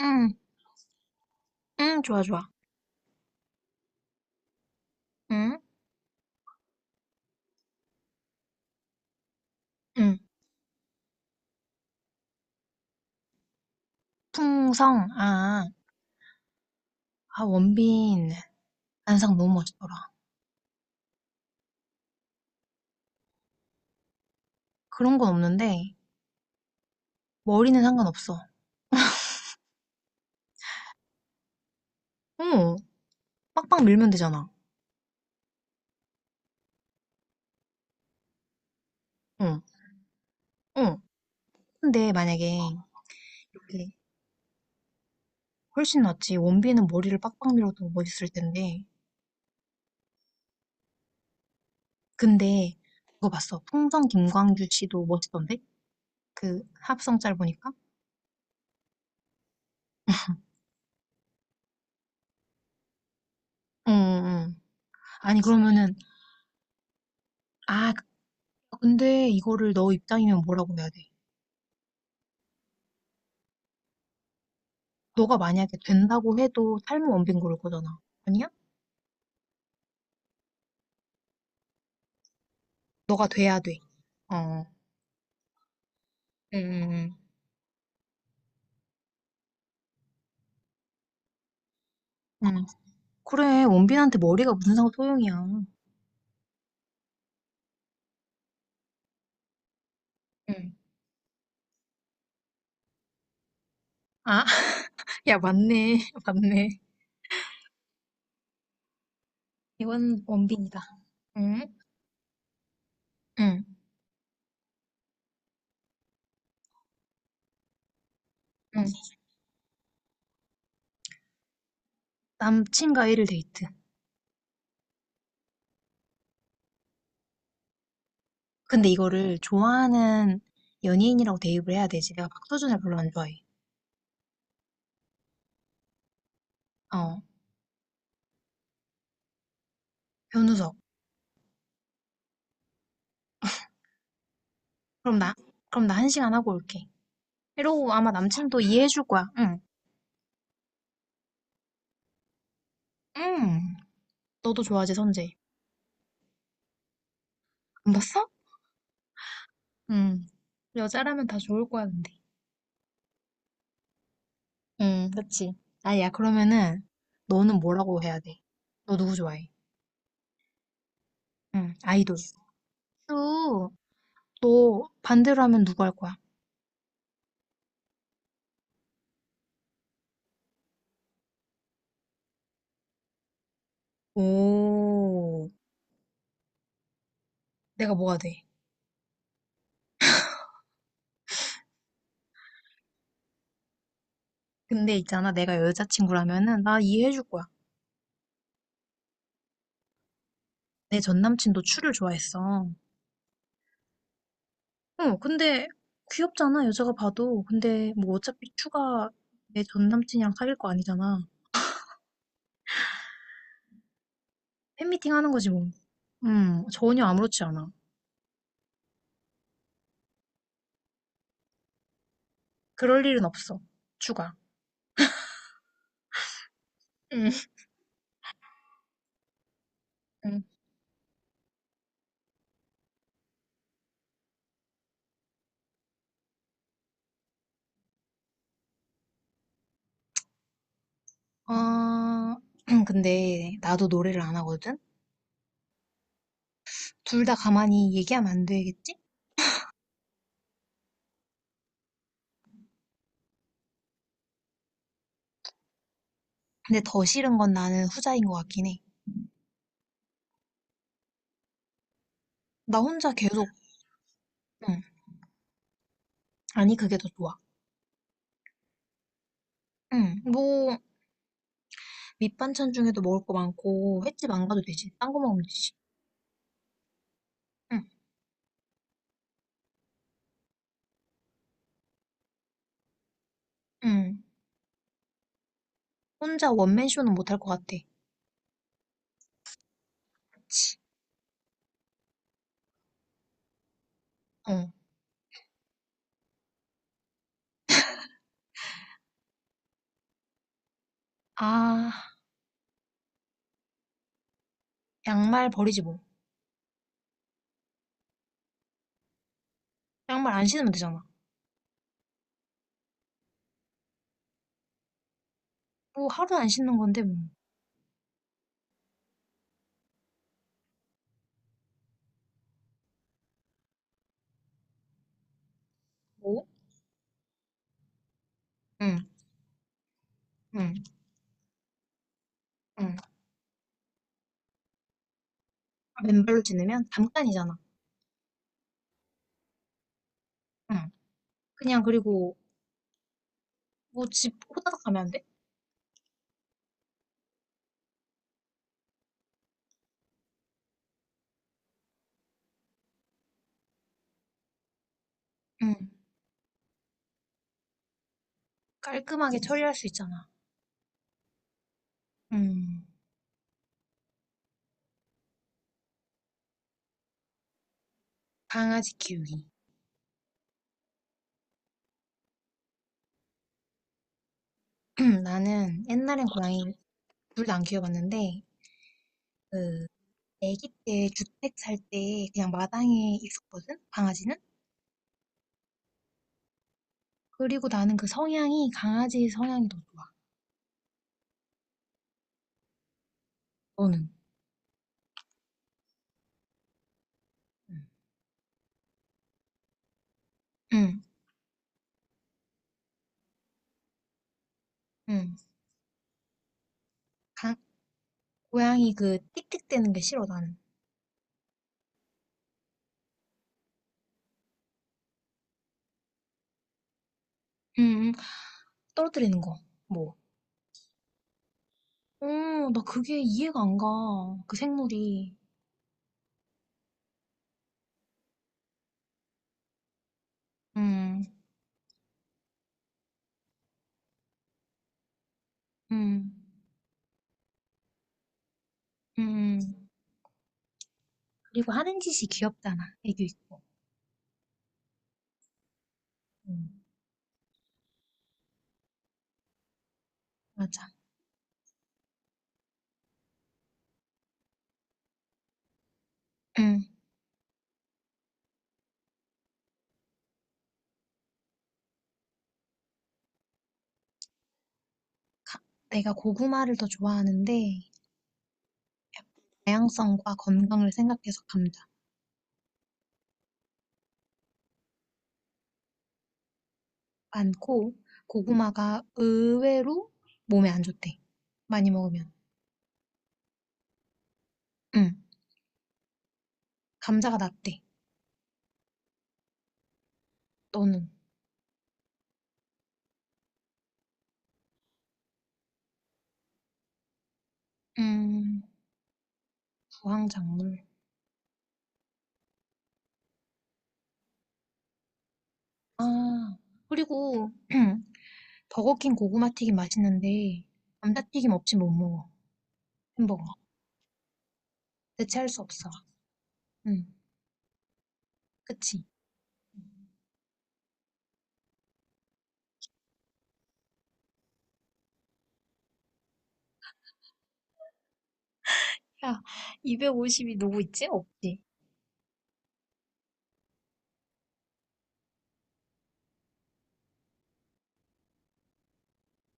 응, 응, 좋아, 좋아. 응, 응. 풍성, 아, 아, 원빈, 안상 너무 멋있더라. 그런 건 없는데, 머리는 상관없어. 어, 빡빡 밀면 되잖아. 응, 응. 근데 만약에, 이렇게, 훨씬 낫지. 원빈은 머리를 빡빡 밀어도 멋있을 텐데. 근데, 그거 봤어. 풍성 김광규 씨도 멋있던데? 그, 합성짤 보니까? 응, 응. 응. 아니, 그러면은, 아, 근데 이거를 너 입장이면 뭐라고 해야 돼? 너가 만약에 된다고 해도 삶은 원빈고를 거잖아. 아니야? 너가 돼야 돼. 어. 응, 응, 응. 그래, 원빈한테 머리가 무슨 상관 소용이야. 응. 응. 아, 야, 맞네. 맞네. 이건 원빈이다. 응? 응. 응. 남친과 1일 데이트. 근데 이거를 좋아하는 연예인이라고 대입을 해야 되지. 내가 박서준을 별로 안 좋아해. 어, 변우석. 그럼 나, 그럼 나 1시간 하고 올게. 이러고 아마 남친도 이해해줄 거야. 응. 응. 너도 좋아하지, 선재. 안 봤어? 응, 여자라면 다 좋을 거야, 근데. 응, 그치. 아야, 그러면은 너는 뭐라고 해야 돼? 너 누구 좋아해? 응, 아이돌. 수. 너 반대로 하면 누구 할 거야? 오. 내가 뭐가 돼? 근데 있잖아, 내가 여자친구라면은 나 이해해줄 거야. 내 전남친도 추를 좋아했어. 어, 근데 귀엽잖아, 여자가 봐도. 근데 뭐 어차피 추가 내 전남친이랑 사귈 거 아니잖아. 팬미팅 하는 거지 뭐. 전혀 아무렇지 않아. 그럴 일은 없어. 추가. 응. 응. 아, 근데 나도 노래를 안 하거든? 둘 다 가만히 얘기하면 안 되겠지? 근데 더 싫은 건 나는 후자인 것 같긴 해. 나 혼자 계속, 응. 아니, 그게 더 좋아. 응. 뭐, 밑반찬 중에도 먹을 거 많고, 횟집 안 가도 되지. 딴 거 먹으면 되지. 응. 응. 혼자 원맨쇼는 못 할 것 같아. 치. 어. 아, 양말 버리지 뭐. 양말 안 신으면 되잖아. 뭐, 하루 안 신는 건데, 뭐. 뭐? 응, 응, 응. 맨발로 지내면 잠깐이잖아. 응. 그냥 그리고 뭐 집 호다닥 가면 안 돼? 응, 깔끔하게 처리할 수 있잖아. 응. 강아지 키우기. 나는 옛날엔 고양이 둘 다 안 키워봤는데 그 아기 때 주택 살 때 그냥 마당에 있었거든 강아지는. 그리고 나는 그 성향이 강아지 성향이 더 좋아. 너는? 응, 응. 응. 강- 고양이 그 틱틱대는 게 싫어 나는. 응, 응. 떨어뜨리는 거. 뭐, 어, 나 그게 이해가 안 가. 그 생물이. 음, 음, 음. 그리고 하는 짓이 귀엽잖아. 애교 있고. 음, 맞아. 음. 가- 내가 고구마를 더 좋아하는데, 다양성과 건강을 생각해서 감자. 많고, 고구마가 의외로 몸에 안 좋대. 많이 먹으면. 음. 감자가 낫대. 너는? 음, 부황작물. 아, 그리고, 버거킹 고구마 튀김 맛있는데 감자튀김 없이 못 먹어. 햄버거. 대체할 수 없어. 응. 그치? 야, 250이 누구 있지? 없지.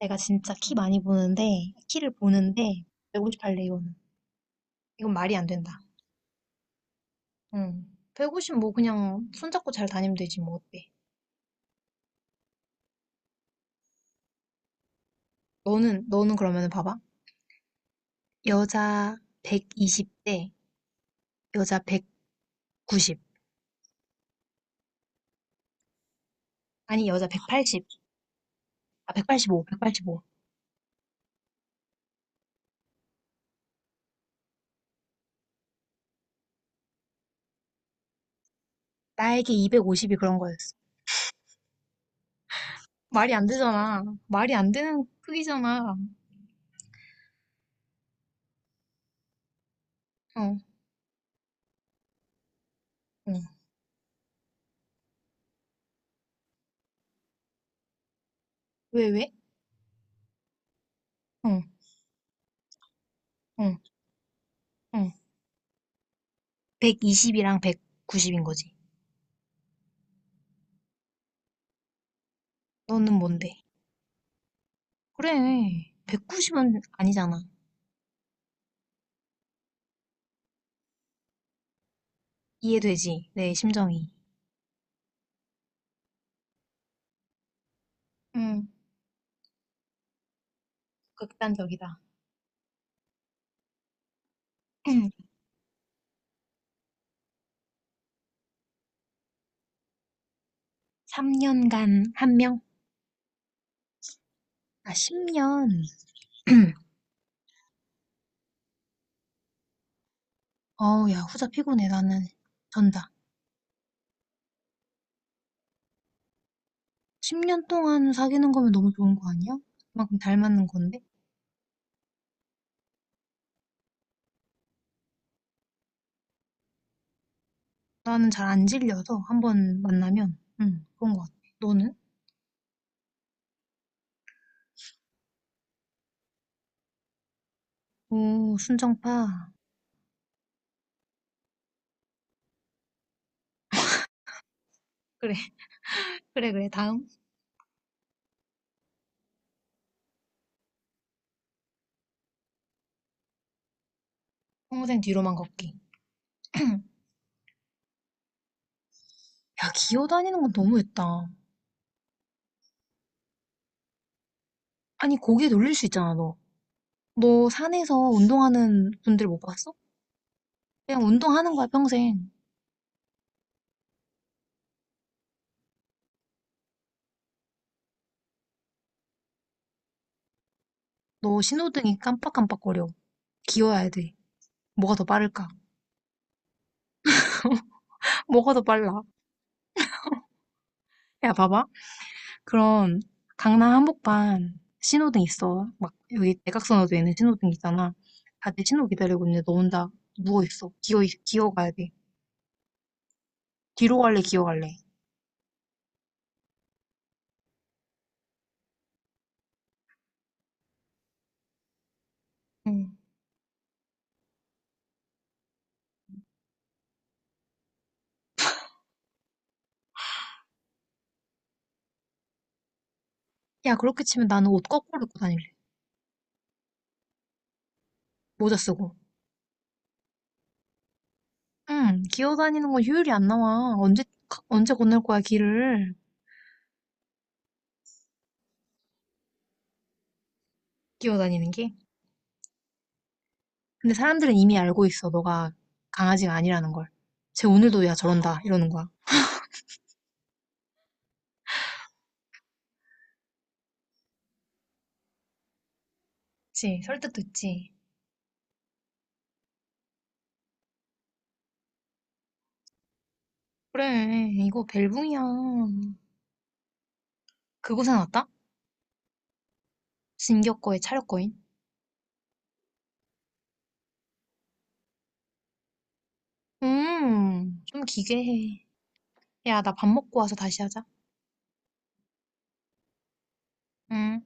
내가 진짜 키 많이 보는데 키를 보는데 158 레이온은. 이건 말이 안 된다. 응. 150 뭐 그냥 손잡고 잘 다니면 되지 뭐 어때? 너는 그러면은 봐봐. 여자 120대 여자 190 아니 여자 180 아 185 185 나에게 250이 그런 거였어. 말이 안 되잖아. 말이 안 되는 크기잖아. 어, 어. 왜, 왜? 어, 어, 어. 120이랑 190인 거지. 너는 뭔데? 그래. 190은 아니잖아. 이해되지? 내 심정이. 응, 극단적이다. 3년간 1명? 아, 10년. 어우, 야, 후자 피곤해. 나는 전다. 10년 동안 사귀는 거면 너무 좋은 거 아니야? 그만큼 닮았는 건데? 나는 잘 안 질려서 1번 만나면 응 그런 것 같아. 너는? 오 순정파. 그래 그래 그래 다음 평생 뒤로만 걷기. 야 기어다니는 건 너무했다. 아니 고개 돌릴 수 있잖아 너. 너 산에서 운동하는 분들 못 봤어? 그냥 운동하는 거야 평생. 너 신호등이 깜빡깜빡거려. 기어야 돼. 뭐가 더 빠를까? 뭐가 더 빨라? 야 봐봐. 그런 강남 한복판 신호등 있어. 막 여기 대각선으로 있는 신호등 있잖아. 다들 신호 기다리고 있는데 너 혼자 누워있어. 기어가야 돼. 뒤로 갈래, 기어 갈래. 응. 야, 그렇게 치면 나는 옷 거꾸로 입고 다닐래. 모자 쓰고. 응, 기어 다니는 건 효율이 안 나와. 언제 건널 거야, 길을. 기어 다니는 게. 근데 사람들은 이미 알고 있어. 너가 강아지가 아니라는 걸. 쟤 오늘도 야, 저런다. 이러는 거야. 그치, 설득도 있지. 그래, 이거 벨붕이야. 그곳에 나다 진격거에 차렸거인? 좀 기괴해. 야, 나 밥 먹고 와서 다시 하자. 음.